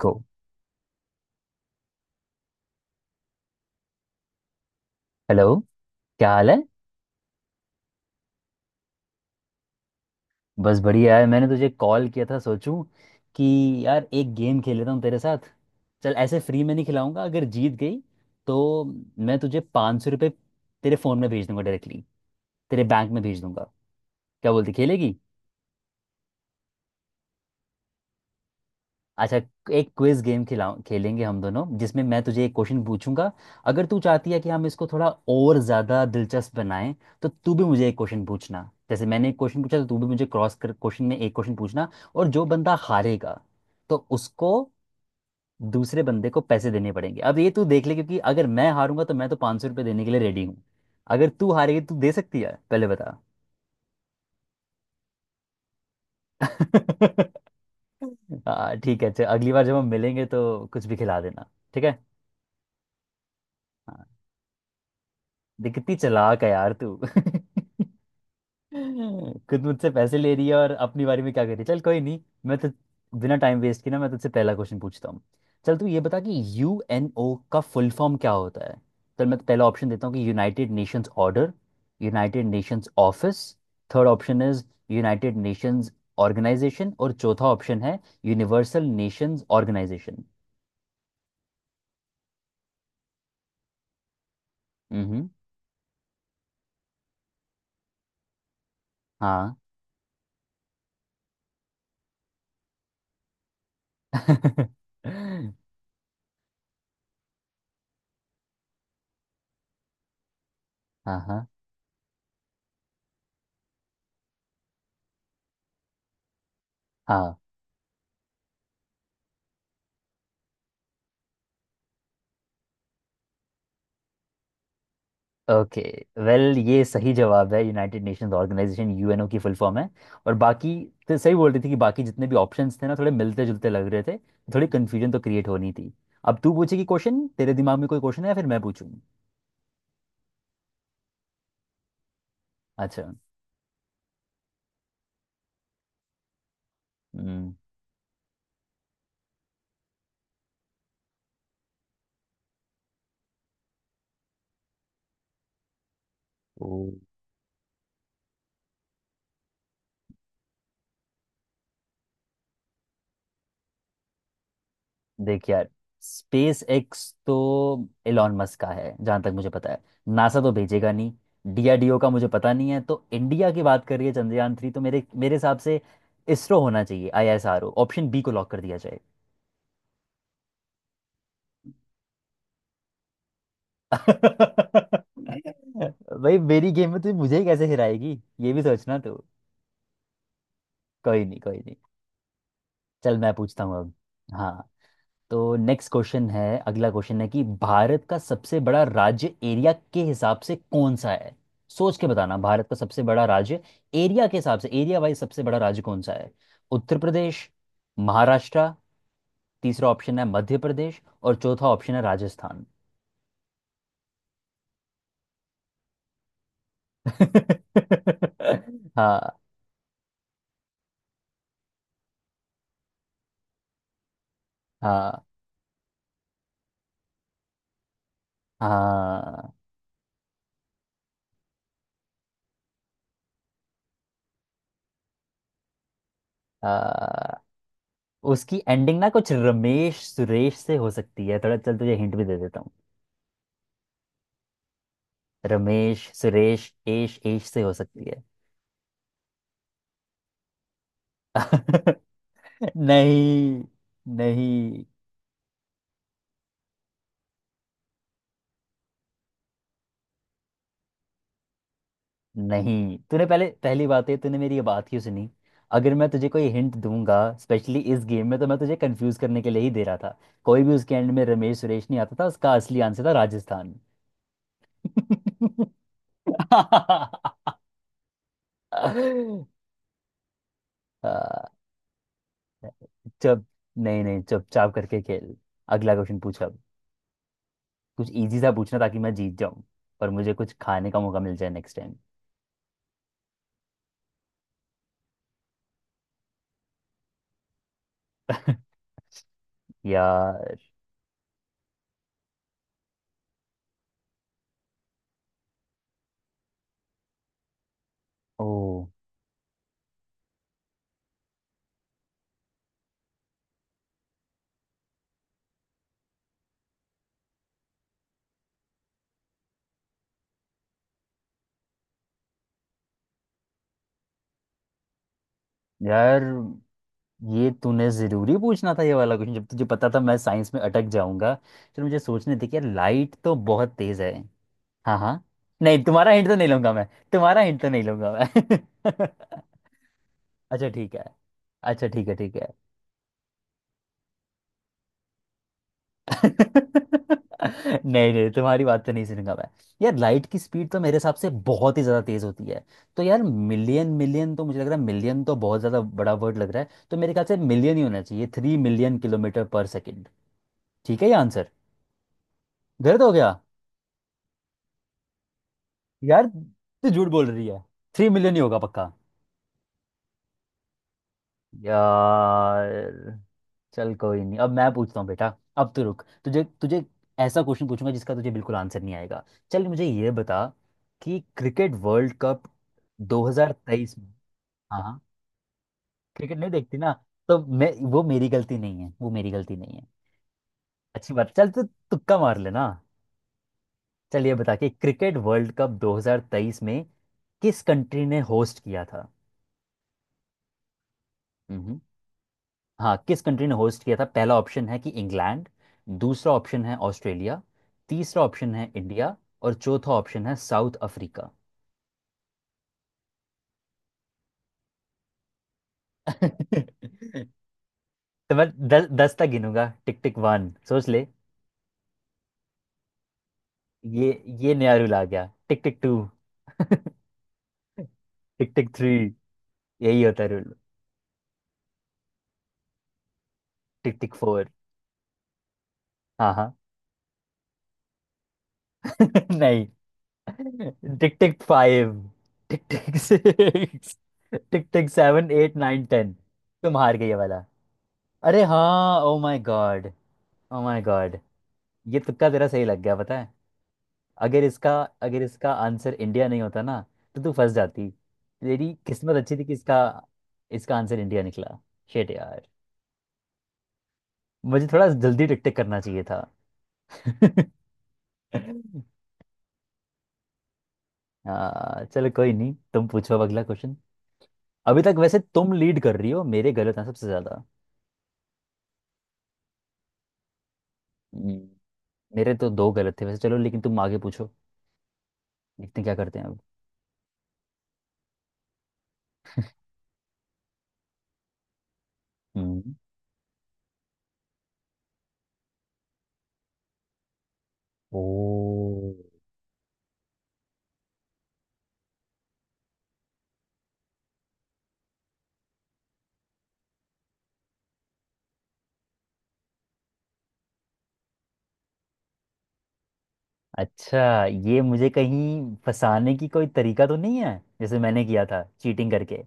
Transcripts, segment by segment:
गो। Hello, क्या हाल है? बस बढ़िया है। मैंने तुझे कॉल किया था, सोचूं कि यार एक गेम खेल लेता हूँ तेरे साथ। चल, ऐसे फ्री में नहीं खिलाऊंगा। अगर जीत गई तो मैं तुझे 500 रुपये तेरे फ़ोन में भेज दूंगा, डायरेक्टली तेरे बैंक में भेज दूंगा। क्या बोलती, खेलेगी? अच्छा, एक क्विज गेम खिलाऊं, खेलेंगे हम दोनों, जिसमें मैं तुझे एक क्वेश्चन पूछूंगा। अगर तू चाहती है कि हम इसको थोड़ा और ज़्यादा दिलचस्प बनाएं, तो तू भी मुझे एक क्वेश्चन पूछना। जैसे मैंने एक क्वेश्चन पूछा, तो तू भी मुझे क्रॉस कर क्वेश्चन में एक क्वेश्चन पूछना। और जो बंदा हारेगा तो उसको दूसरे बंदे को पैसे देने पड़ेंगे। अब ये तू देख ले, क्योंकि अगर मैं हारूंगा तो मैं तो 500 रुपये देने के लिए रेडी हूँ। अगर तू हारेगी तो तू दे सकती है, पहले बता। हाँ, ठीक है। अच्छा, अगली बार जब हम मिलेंगे तो कुछ भी खिला देना, ठीक है। दिखती चालाक है यार तू। खुद मुझसे पैसे ले रही है और अपनी बारे में क्या कर रही है। चल, कोई नहीं। मैं तो बिना टाइम वेस्ट किए ना मैं तुझसे पहला क्वेश्चन पूछता हूँ। चल, तू ये बता कि यू एन ओ का फुल फॉर्म क्या होता है। चल, मैं तो पहला ऑप्शन देता हूँ कि united nations order, united nations office, third option is united nations organisation, और चौथा ऑप्शन है यूनिवर्सल नेशंस ऑर्गेनाइजेशन। हम्म। हाँ। हाँ हाँ, हाँ। ओके, वेल, ये सही जवाब है। यूनाइटेड नेशंस ऑर्गेनाइजेशन यूएनओ की फुल फॉर्म है। और बाकी तो सही बोल रही थी कि बाकी जितने भी ऑप्शंस थे ना थोड़े मिलते जुलते लग रहे थे, थोड़ी कन्फ्यूजन तो क्रिएट होनी थी। अब तू पूछेगी क्वेश्चन। तेरे दिमाग में कोई क्वेश्चन है या फिर मैं पूछूं? अच्छा। हम्म। तो देख यार, स्पेस एक्स तो एलॉन मस्क का है जहां तक मुझे पता है। नासा तो भेजेगा नहीं। डीआरडीओ का मुझे पता नहीं है। तो इंडिया की बात कर रही है, चंद्रयान थ्री, तो मेरे मेरे हिसाब से इसरो होना चाहिए। आईएसआरओ ऑप्शन बी को लॉक कर दिया। भाई, मेरी गेम में तू मुझे ही कैसे हिराएगी? ये भी सोचना तू। कोई नहीं, कोई नहीं। चल, मैं पूछता हूँ अब। हाँ। तो नेक्स्ट क्वेश्चन है, अगला क्वेश्चन है कि भारत का सबसे बड़ा राज्य एरिया के हिसाब से कौन सा है। सोच के बताना, भारत का सबसे बड़ा राज्य, एरिया के हिसाब से, एरिया वाइज सबसे बड़ा राज्य कौन सा है। उत्तर प्रदेश, महाराष्ट्र, तीसरा ऑप्शन है मध्य प्रदेश, और चौथा ऑप्शन है राजस्थान। हाँ। हाँ, हाँ। आ, उसकी एंडिंग ना कुछ रमेश सुरेश से हो सकती है थोड़ा। चल, तुझे हिंट भी दे देता हूँ। रमेश सुरेश एश एश से हो सकती है। नहीं, नहीं। नहीं, तूने पहले, पहली बात है तूने मेरी ये बात क्यों सुनी? अगर मैं तुझे कोई हिंट दूंगा स्पेशली इस गेम में, तो मैं तुझे कंफ्यूज करने के लिए ही दे रहा था। कोई भी उसके एंड में रमेश सुरेश नहीं आता था। उसका असली आंसर था राजस्थान। आ, चुप। नहीं, नहीं, चुपचाप करके खेल। अगला क्वेश्चन पूछ अब। कुछ इजी सा पूछना, ताकि मैं जीत जाऊं, पर मुझे कुछ खाने का मौका मिल जाए नेक्स्ट टाइम। यार। ओ, यार, ये तूने जरूरी पूछना था ये वाला क्वेश्चन, जब तुझे पता था मैं साइंस में अटक जाऊंगा। चल, मुझे सोचने दे कि यार, लाइट तो बहुत तेज है। हाँ, हाँ। नहीं, तुम्हारा हिंट तो नहीं लूंगा मैं। तुम्हारा हिंट तो नहीं लूंगा मैं। अच्छा ठीक है। अच्छा ठीक है, ठीक है। नहीं, नहीं, तुम्हारी बात तो नहीं सुनूंगा मैं। यार, लाइट की स्पीड तो मेरे हिसाब से बहुत ही ज्यादा तेज होती है। तो यार, मिलियन मिलियन तो मुझे लग रहा है। मिलियन तो बहुत ज्यादा बड़ा वर्ड लग रहा है, तो मेरे ख्याल से मिलियन ही होना चाहिए। थ्री मिलियन किलोमीटर पर सेकेंड। ठीक है, ये आंसर। गलत हो गया? यार, तू झूठ बोल रही है। थ्री मिलियन ही होगा, पक्का। यार, चल कोई नहीं। अब मैं पूछता हूँ बेटा। अब तो रुक। तुझे तुझे ऐसा क्वेश्चन पूछूंगा जिसका तुझे बिल्कुल आंसर नहीं आएगा। चल, मुझे ये बता कि क्रिकेट वर्ल्ड कप 2023 में। हाँ, हाँ। क्रिकेट नहीं देखती ना, तो मैं, वो मेरी गलती नहीं है, वो मेरी गलती नहीं है। अच्छी बात। चल तो तुक्का मार लेना। चल, ये बता कि क्रिकेट वर्ल्ड कप 2023 में किस कंट्री ने होस्ट किया था। हम्म। हाँ, किस कंट्री ने होस्ट किया था। पहला ऑप्शन है कि इंग्लैंड, दूसरा ऑप्शन है ऑस्ट्रेलिया, तीसरा ऑप्शन है इंडिया, और चौथा ऑप्शन है साउथ अफ्रीका। तो मैं 10 10 तक गिनूंगा। टिक टिक वन, सोच ले। ये ये नया रूल आ गया। Tick tick to. Tick tick three, यही होता है रूल। Tick tick four. हाँ, हाँ। नहीं। Tick tick five, tick tick six, tick tick seven, eight, nine, ten. तुम हार गई ये वाला। अरे हाँ, oh my God. Oh my God. ये तुक्का तेरा सही लग गया, पता है। अगर इसका, अगर इसका आंसर इंडिया नहीं होता ना, तो तू फंस जाती। तेरी किस्मत अच्छी थी कि इसका, इसका आंसर इंडिया निकला। शेट यार, मुझे थोड़ा जल्दी टिक टिक करना चाहिए था। चलो कोई नहीं, तुम पूछो अब अगला क्वेश्चन। अभी तक वैसे तुम लीड कर रही हो, मेरे गलत हैं सबसे ज्यादा। हम्म, मेरे तो दो गलत थे वैसे। चलो, लेकिन तुम आगे पूछो। देखते हैं क्या करते हैं अब। हम्म। ओ, अच्छा, ये मुझे कहीं फंसाने की कोई तरीका तो नहीं है, जैसे मैंने किया था चीटिंग करके?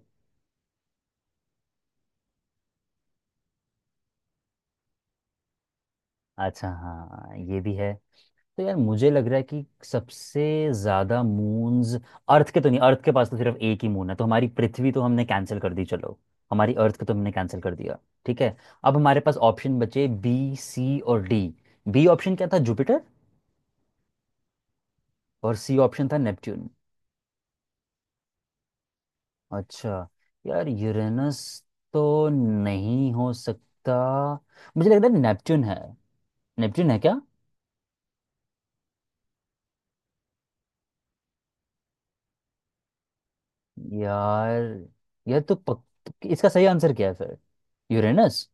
अच्छा, हाँ, ये भी है। तो यार, मुझे लग रहा है कि सबसे ज्यादा मून्स, अर्थ के तो नहीं, अर्थ के पास तो सिर्फ एक ही मून है। तो हमारी पृथ्वी तो हमने कैंसिल कर दी। चलो, हमारी अर्थ को तो हमने कैंसिल कर दिया। ठीक है, अब हमारे पास ऑप्शन बचे बी, सी और डी। बी ऑप्शन क्या था, जुपिटर। और सी ऑप्शन था नेपच्यून। अच्छा। यार, यूरेनस तो नहीं हो सकता। मुझे लग रहा है नेपच्यून है। नेपच्यून है क्या? यार। यार तो पक...। इसका सही आंसर क्या है फिर? यूरेनस?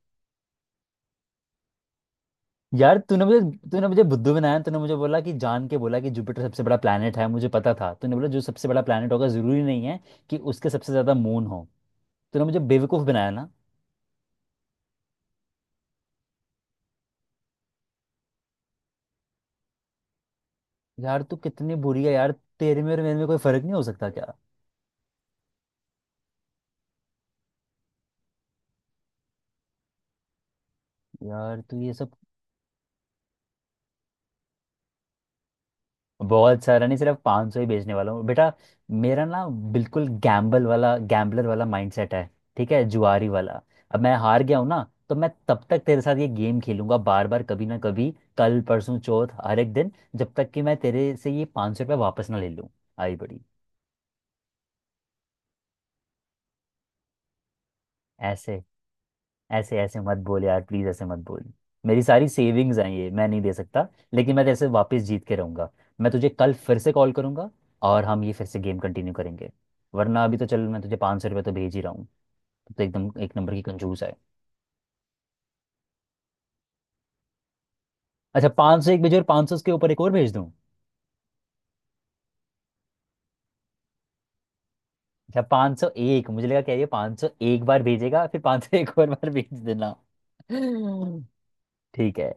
यार, तूने मुझे, तूने मुझे बुद्धू बनाया। तूने मुझे बोला कि, जान के बोला कि जुपिटर सबसे बड़ा प्लेनेट है, मुझे पता था। तूने बोला जो सबसे बड़ा प्लेनेट होगा जरूरी नहीं है कि उसके सबसे ज्यादा मून हो। तूने मुझे बेवकूफ बनाया ना। यार, तू कितनी बुरी है यार। तेरे में और मेरे में कोई फर्क नहीं हो सकता क्या? यार, तू ये सब। बहुत सारा नहीं, सिर्फ 500 सौ ही बेचने वाला हूँ बेटा। मेरा ना बिल्कुल गैम्बल वाला, गैम्बलर वाला माइंडसेट है, ठीक है, जुआरी वाला। अब मैं हार गया हूँ ना, तो मैं तब तक तेरे साथ ये गेम खेलूंगा बार बार, कभी ना कभी, कल, परसों, चौथ, हर एक दिन, जब तक कि मैं तेरे से ये 500 सौ रुपये वापस ना ले लूँ। आई बड़ी। ऐसे, ऐसे, ऐसे मत बोल यार, प्लीज ऐसे मत बोल। मेरी सारी सेविंग्स हैं ये, मैं नहीं दे सकता। लेकिन मैं जैसे वापस जीत के रहूंगा, मैं तुझे कल फिर से कॉल करूंगा, और हम ये फिर से गेम कंटिन्यू करेंगे। वरना अभी तो चल, मैं तुझे 500 रुपये तो भेज ही रहा हूँ। तो एकदम एक नंबर की कंजूस है। अच्छा, पाँच सौ एक भेजो और पाँच सौ उसके ऊपर एक और भेज दूँ? अच्छा, पाँच सौ एक। मुझे लगा क्या, ये पाँच सौ एक बार भेजेगा फिर पाँच सौ एक और बार भेज देना। ठीक है।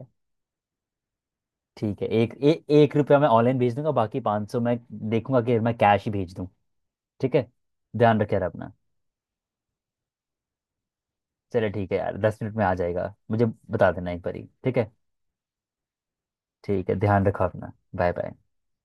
ठीक है, एक रुपया मैं ऑनलाइन भेज दूंगा, बाकी पाँच सौ मैं देखूंगा कि मैं कैश ही भेज दूँ। ठीक है, ध्यान रखे यार अपना। चले, ठीक है यार, 10 मिनट में आ जाएगा मुझे, बता देना एक बारी, ठीक है। ठीक है, ध्यान रखो अपना, बाय बाय।